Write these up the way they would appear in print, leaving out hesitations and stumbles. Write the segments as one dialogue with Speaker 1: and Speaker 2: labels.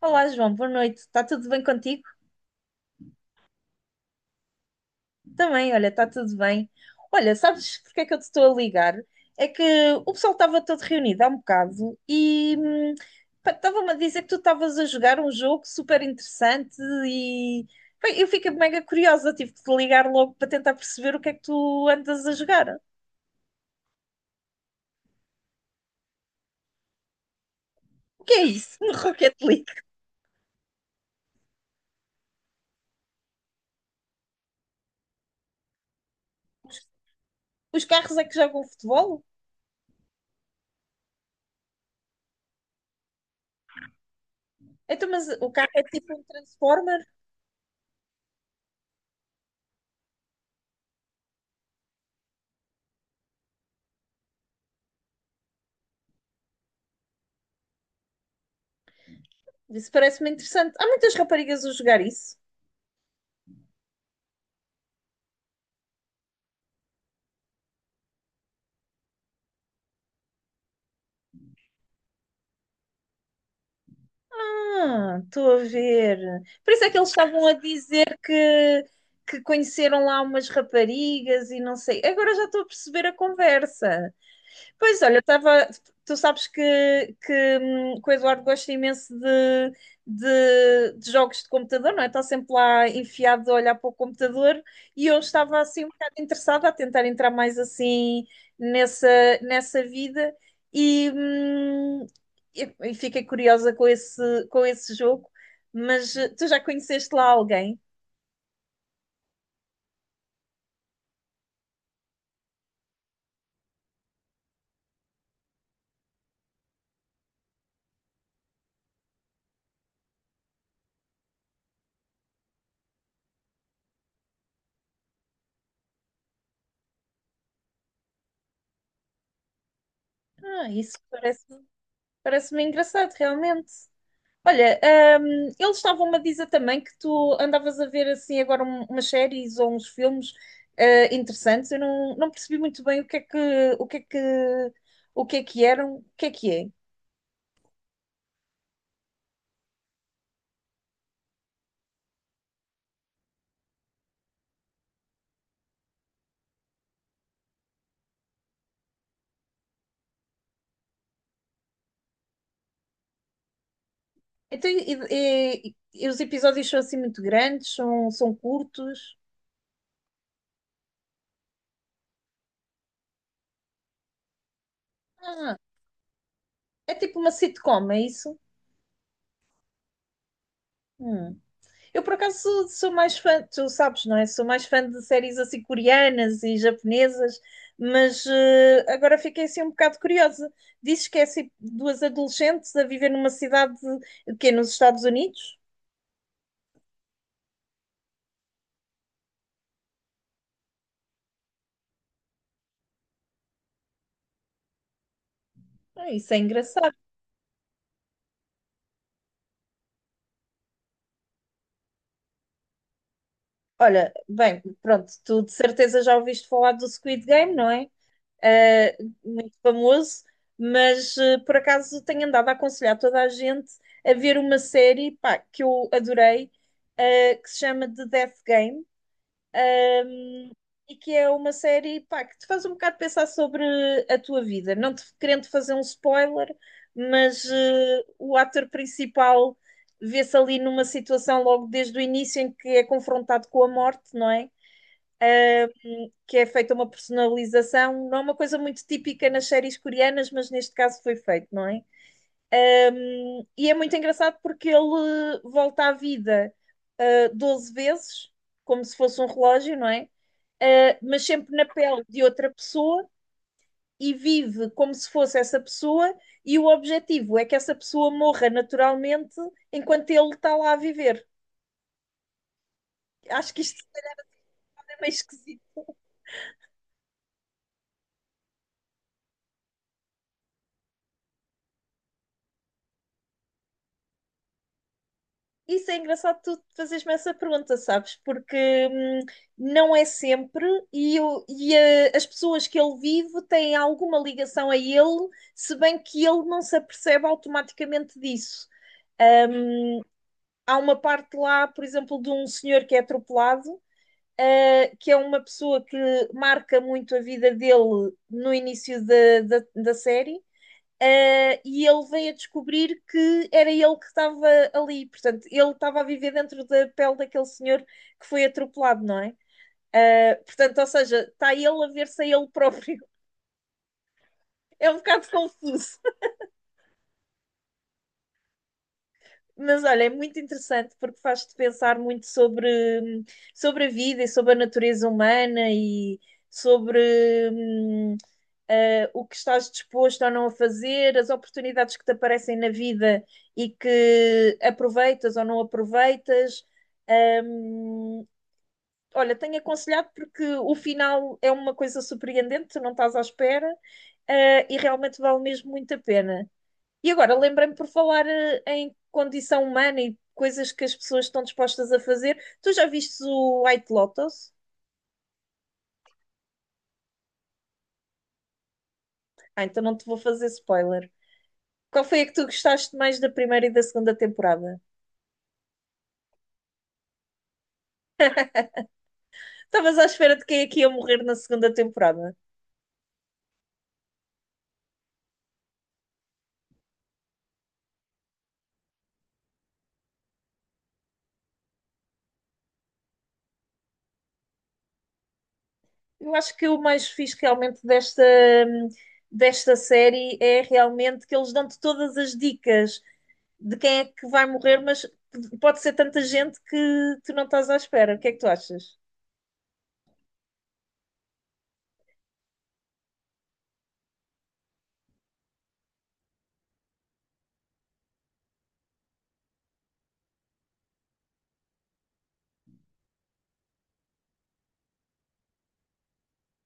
Speaker 1: Olá, João, boa noite. Está tudo bem contigo? Também, olha, está tudo bem. Olha, sabes porque é que eu te estou a ligar? É que o pessoal estava todo reunido há um bocado e pá, estava-me a dizer que tu estavas a jogar um jogo super interessante e bem, eu fiquei mega curiosa, tive que te ligar logo para tentar perceber o que é que tu andas a jogar. O que é isso? No Rocket League? Os carros é que jogam futebol? Então, mas o carro é tipo um Transformer? Isso parece-me interessante. Há muitas raparigas a jogar isso. Ah, estou a ver. Por isso é que eles estavam a dizer que conheceram lá umas raparigas e não sei. Agora já estou a perceber a conversa. Pois olha, eu estava. Tu sabes que o Eduardo gosta imenso de jogos de computador, não é? Está sempre lá enfiado a olhar para o computador e eu estava assim um bocado interessada a tentar entrar mais assim nessa, nessa vida e, hum, e fiquei curiosa com esse jogo, mas tu já conheceste lá alguém? Ah, isso parece, parece-me engraçado, realmente. Olha, eles estavam-me a dizer também que tu andavas a ver assim agora umas séries ou uns filmes interessantes. Eu não percebi muito bem o que é que o que é que o que é que eram, o que é que é. Então, e os episódios são assim muito grandes, são curtos. Ah, é tipo uma sitcom, é isso? Hum. Eu, por acaso, sou mais fã, tu sabes, não é? Sou mais fã de séries assim coreanas e japonesas, mas agora fiquei assim um bocado curiosa. Dizes que é assim duas adolescentes a viver numa cidade que é nos Estados Unidos? Ah, isso é engraçado. Olha, bem, pronto, tu de certeza já ouviste falar do Squid Game, não é? Eh, Muito famoso, mas por acaso tenho andado a aconselhar toda a gente a ver uma série, pá, que eu adorei que se chama The Death Game, e que é uma série, pá, que te faz um bocado pensar sobre a tua vida. Não te querendo fazer um spoiler, mas o ator principal vê-se ali numa situação logo desde o início em que é confrontado com a morte, não é? Que é feita uma personalização, não é uma coisa muito típica nas séries coreanas, mas neste caso foi feito, não é? E é muito engraçado porque ele volta à vida 12 vezes, como se fosse um relógio, não é? Eh, mas sempre na pele de outra pessoa e vive como se fosse essa pessoa, e o objetivo é que essa pessoa morra naturalmente enquanto ele está lá a viver. Acho que isto é meio esquisito. Isso é engraçado tu fazeres-me essa pergunta, sabes? Porque hum, não é sempre, as pessoas que ele vive têm alguma ligação a ele, se bem que ele não se apercebe automaticamente disso. Há uma parte lá, por exemplo, de um senhor que é atropelado que é uma pessoa que marca muito a vida dele no início da série. E ele veio a descobrir que era ele que estava ali, portanto, ele estava a viver dentro da pele daquele senhor que foi atropelado, não é? Portanto, ou seja, está ele a ver-se a ele próprio. É um bocado confuso, mas olha, é muito interessante porque faz-te pensar muito sobre a vida e sobre a natureza humana e sobre hum, o que estás disposto ou não a fazer, as oportunidades que te aparecem na vida e que aproveitas ou não aproveitas. Hum, Olha, tenho aconselhado porque o final é uma coisa surpreendente, tu não estás à espera, e realmente vale mesmo muito a pena. E agora lembrei-me por falar em condição humana e coisas que as pessoas estão dispostas a fazer. Tu já viste o White Lotus? Ah, então não te vou fazer spoiler. Qual foi a que tu gostaste mais da primeira e da segunda temporada? Estavas à espera de quem é que ia morrer na segunda temporada? Eu acho que o mais fixe realmente desta, hum, desta série é realmente que eles dão-te todas as dicas de quem é que vai morrer, mas pode ser tanta gente que tu não estás à espera. O que é que tu achas?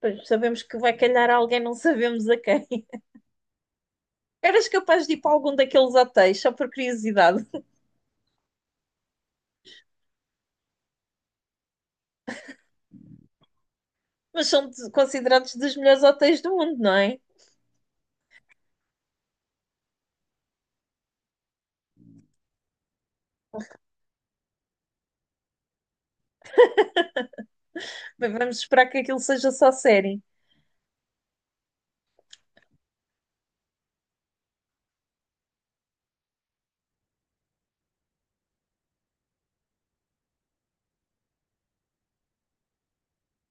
Speaker 1: Pois, sabemos que vai calhar a alguém, não sabemos a quem. Eras capaz de ir para algum daqueles hotéis, só por curiosidade. Mas são considerados dos melhores hotéis do mundo, não é? Bem, vamos esperar que aquilo seja só série.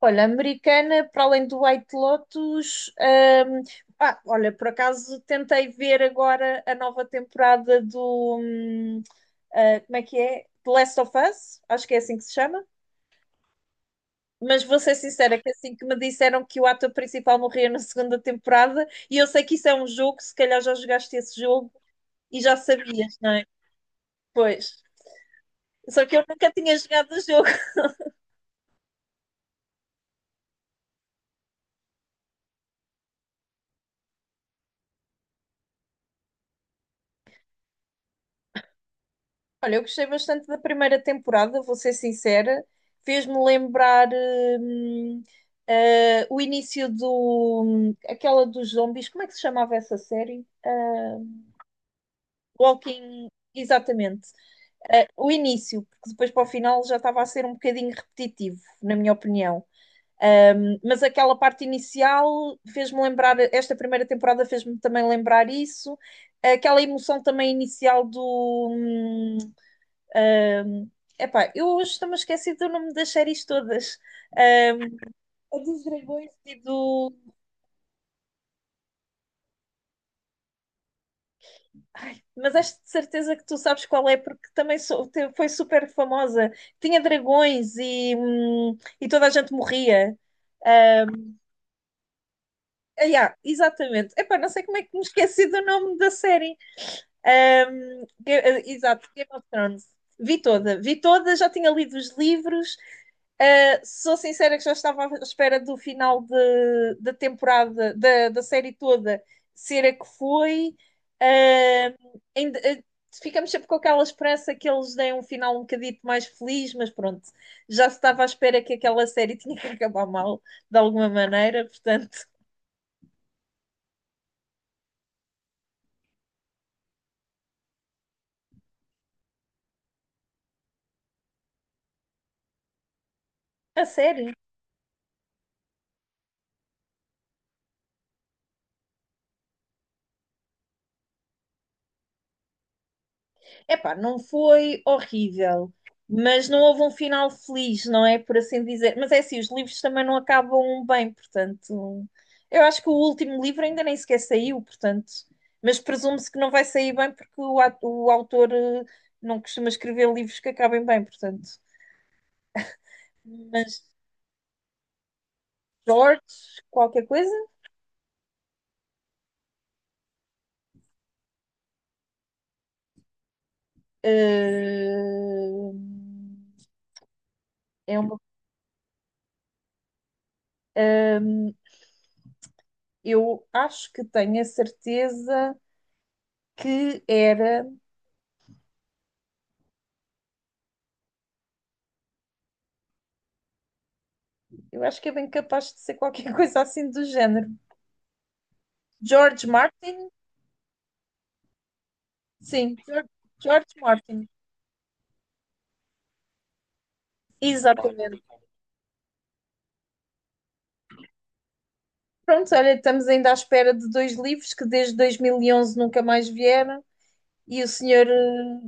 Speaker 1: Olha, americana, para além do White Lotus. Olha, por acaso tentei ver agora a nova temporada do. Como é que é? The Last of Us, acho que é assim que se chama. Mas vou ser sincera, que assim que me disseram que o ator principal morria na segunda temporada, e eu sei que isso é um jogo, se calhar já jogaste esse jogo e já sabias, não é? Pois. Só que eu nunca tinha jogado o jogo. Olha, eu gostei bastante da primeira temporada, vou ser sincera. Fez-me lembrar hum, o início do aquela dos zombies, como é que se chamava essa série? Walking, exatamente. Eh, o início, porque depois para o final já estava a ser um bocadinho repetitivo, na minha opinião. Um, mas aquela parte inicial fez-me lembrar, esta primeira temporada fez-me também lembrar isso, aquela emoção também inicial do. Um, epá, eu hoje estou-me esquecido do nome das séries todas. Um, dos dragões e do. Ai, mas acho de certeza que tu sabes qual é, porque também foi super famosa. Tinha dragões e toda a gente morria. Ah, yeah, exatamente. Epá, não sei como é que me esqueci do nome da série. Um, exato, Game of Thrones. Vi toda, já tinha lido os livros. Sou sincera que já estava à espera do final da temporada, da série toda, ser a que foi. Uh, ainda, uh, Ficamos sempre com aquela esperança que eles deem um final um bocadito mais feliz, mas pronto, já se estava à espera que aquela série tinha que acabar mal, de alguma maneira, portanto. A sério? Epá, não foi horrível, mas não houve um final feliz, não é? Por assim dizer. Mas é assim, os livros também não acabam bem, portanto. Eu acho que o último livro ainda nem sequer saiu, portanto. Mas presume-se que não vai sair bem porque o autor não costuma escrever livros que acabem bem, portanto. Mas George, qualquer coisa? eh, É uma, eu acho que tenho a certeza que era. Eu acho que é bem capaz de ser qualquer coisa assim do género. George Martin? Sim, George, George Martin. Exatamente. Pronto, olha, estamos ainda à espera de dois livros que desde 2011 nunca mais vieram e o senhor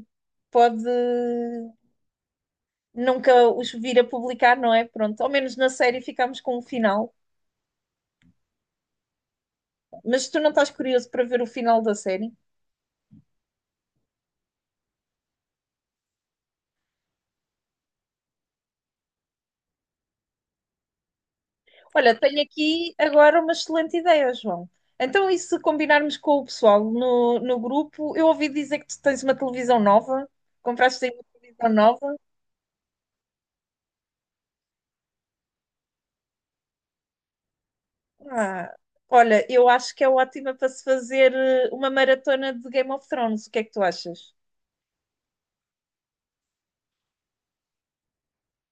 Speaker 1: pode nunca os vir a publicar, não é? Pronto, ao menos na série ficámos com o final. Mas tu não estás curioso para ver o final da série? Olha, tenho aqui agora uma excelente ideia, João. Então, e se combinarmos com o pessoal no grupo? Eu ouvi dizer que tu tens uma televisão nova, compraste aí uma televisão nova. Ah, olha, eu acho que é ótima para se fazer uma maratona de Game of Thrones. O que é que tu achas?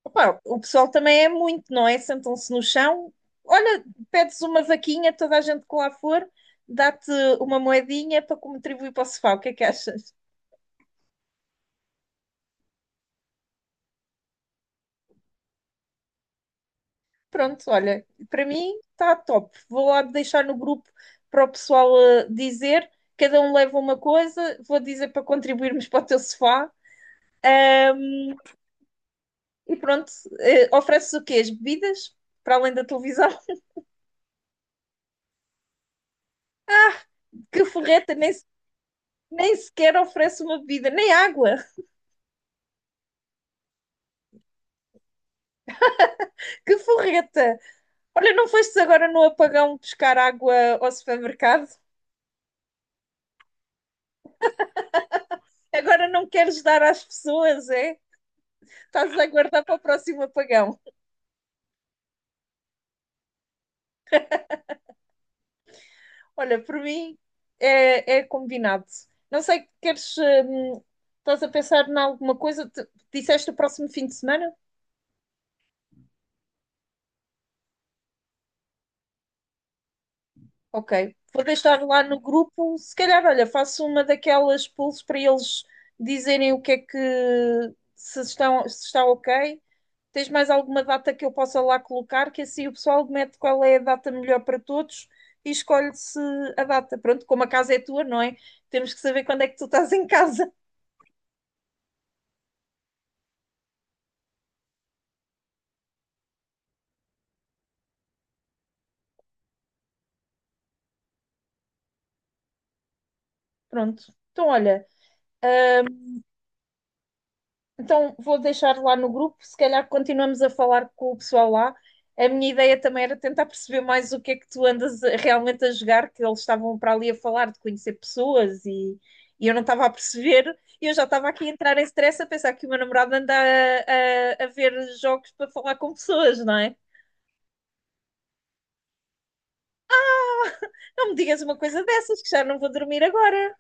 Speaker 1: Opa, o pessoal também é muito, não é? Sentam-se no chão. Olha, pedes uma vaquinha, toda a gente que lá for, dá-te uma moedinha para contribuir para o sofá. O que é que achas? Pronto, olha, para mim está top. Vou lá deixar no grupo para o pessoal dizer, cada um leva uma coisa, vou dizer para contribuirmos para o teu sofá e pronto, ofereces o quê? As bebidas? Para além da televisão? Que forreta, nem sequer oferece uma bebida, nem água. Que forreta! Olha, não fostes agora no apagão buscar água ao supermercado? Agora não queres dar às pessoas, é? Estás a guardar para o próximo apagão. Olha, por mim é combinado. Não sei, queres. Estás a pensar em alguma coisa? Disseste o próximo fim de semana? Ok. Vou deixar lá no grupo. Se calhar, olha, faço uma daquelas polls para eles dizerem o que é que. Se estão, se está ok. Tens mais alguma data que eu possa lá colocar? Que assim o pessoal mete qual é a data melhor para todos e escolhe-se a data. Pronto, como a casa é tua, não é? Temos que saber quando é que tu estás em casa. Pronto. Então, olha, ahm, então vou deixar lá no grupo, se calhar continuamos a falar com o pessoal lá. A minha ideia também era tentar perceber mais o que é que tu andas realmente a jogar, que eles estavam para ali a falar de conhecer pessoas e eu não estava a perceber. E eu já estava aqui a entrar em stress a pensar que o meu namorado anda a ver jogos para falar com pessoas, não é? Ah, não me digas uma coisa dessas, que já não vou dormir agora.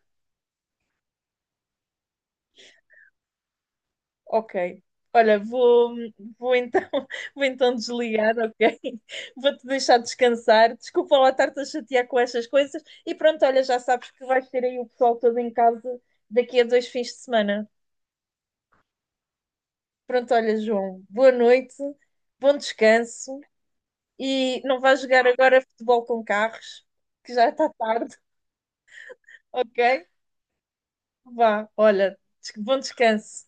Speaker 1: Ok. Olha, vou então, vou então desligar, ok? Vou-te deixar descansar. Desculpa lá estar-te a chatear com estas coisas. E pronto, olha, já sabes que vais ter aí o pessoal todo em casa daqui a dois fins de semana. Pronto, olha, João, boa noite, bom descanso e não vais jogar agora futebol com carros, que já está tarde, ok? Vá, olha, bom descanso.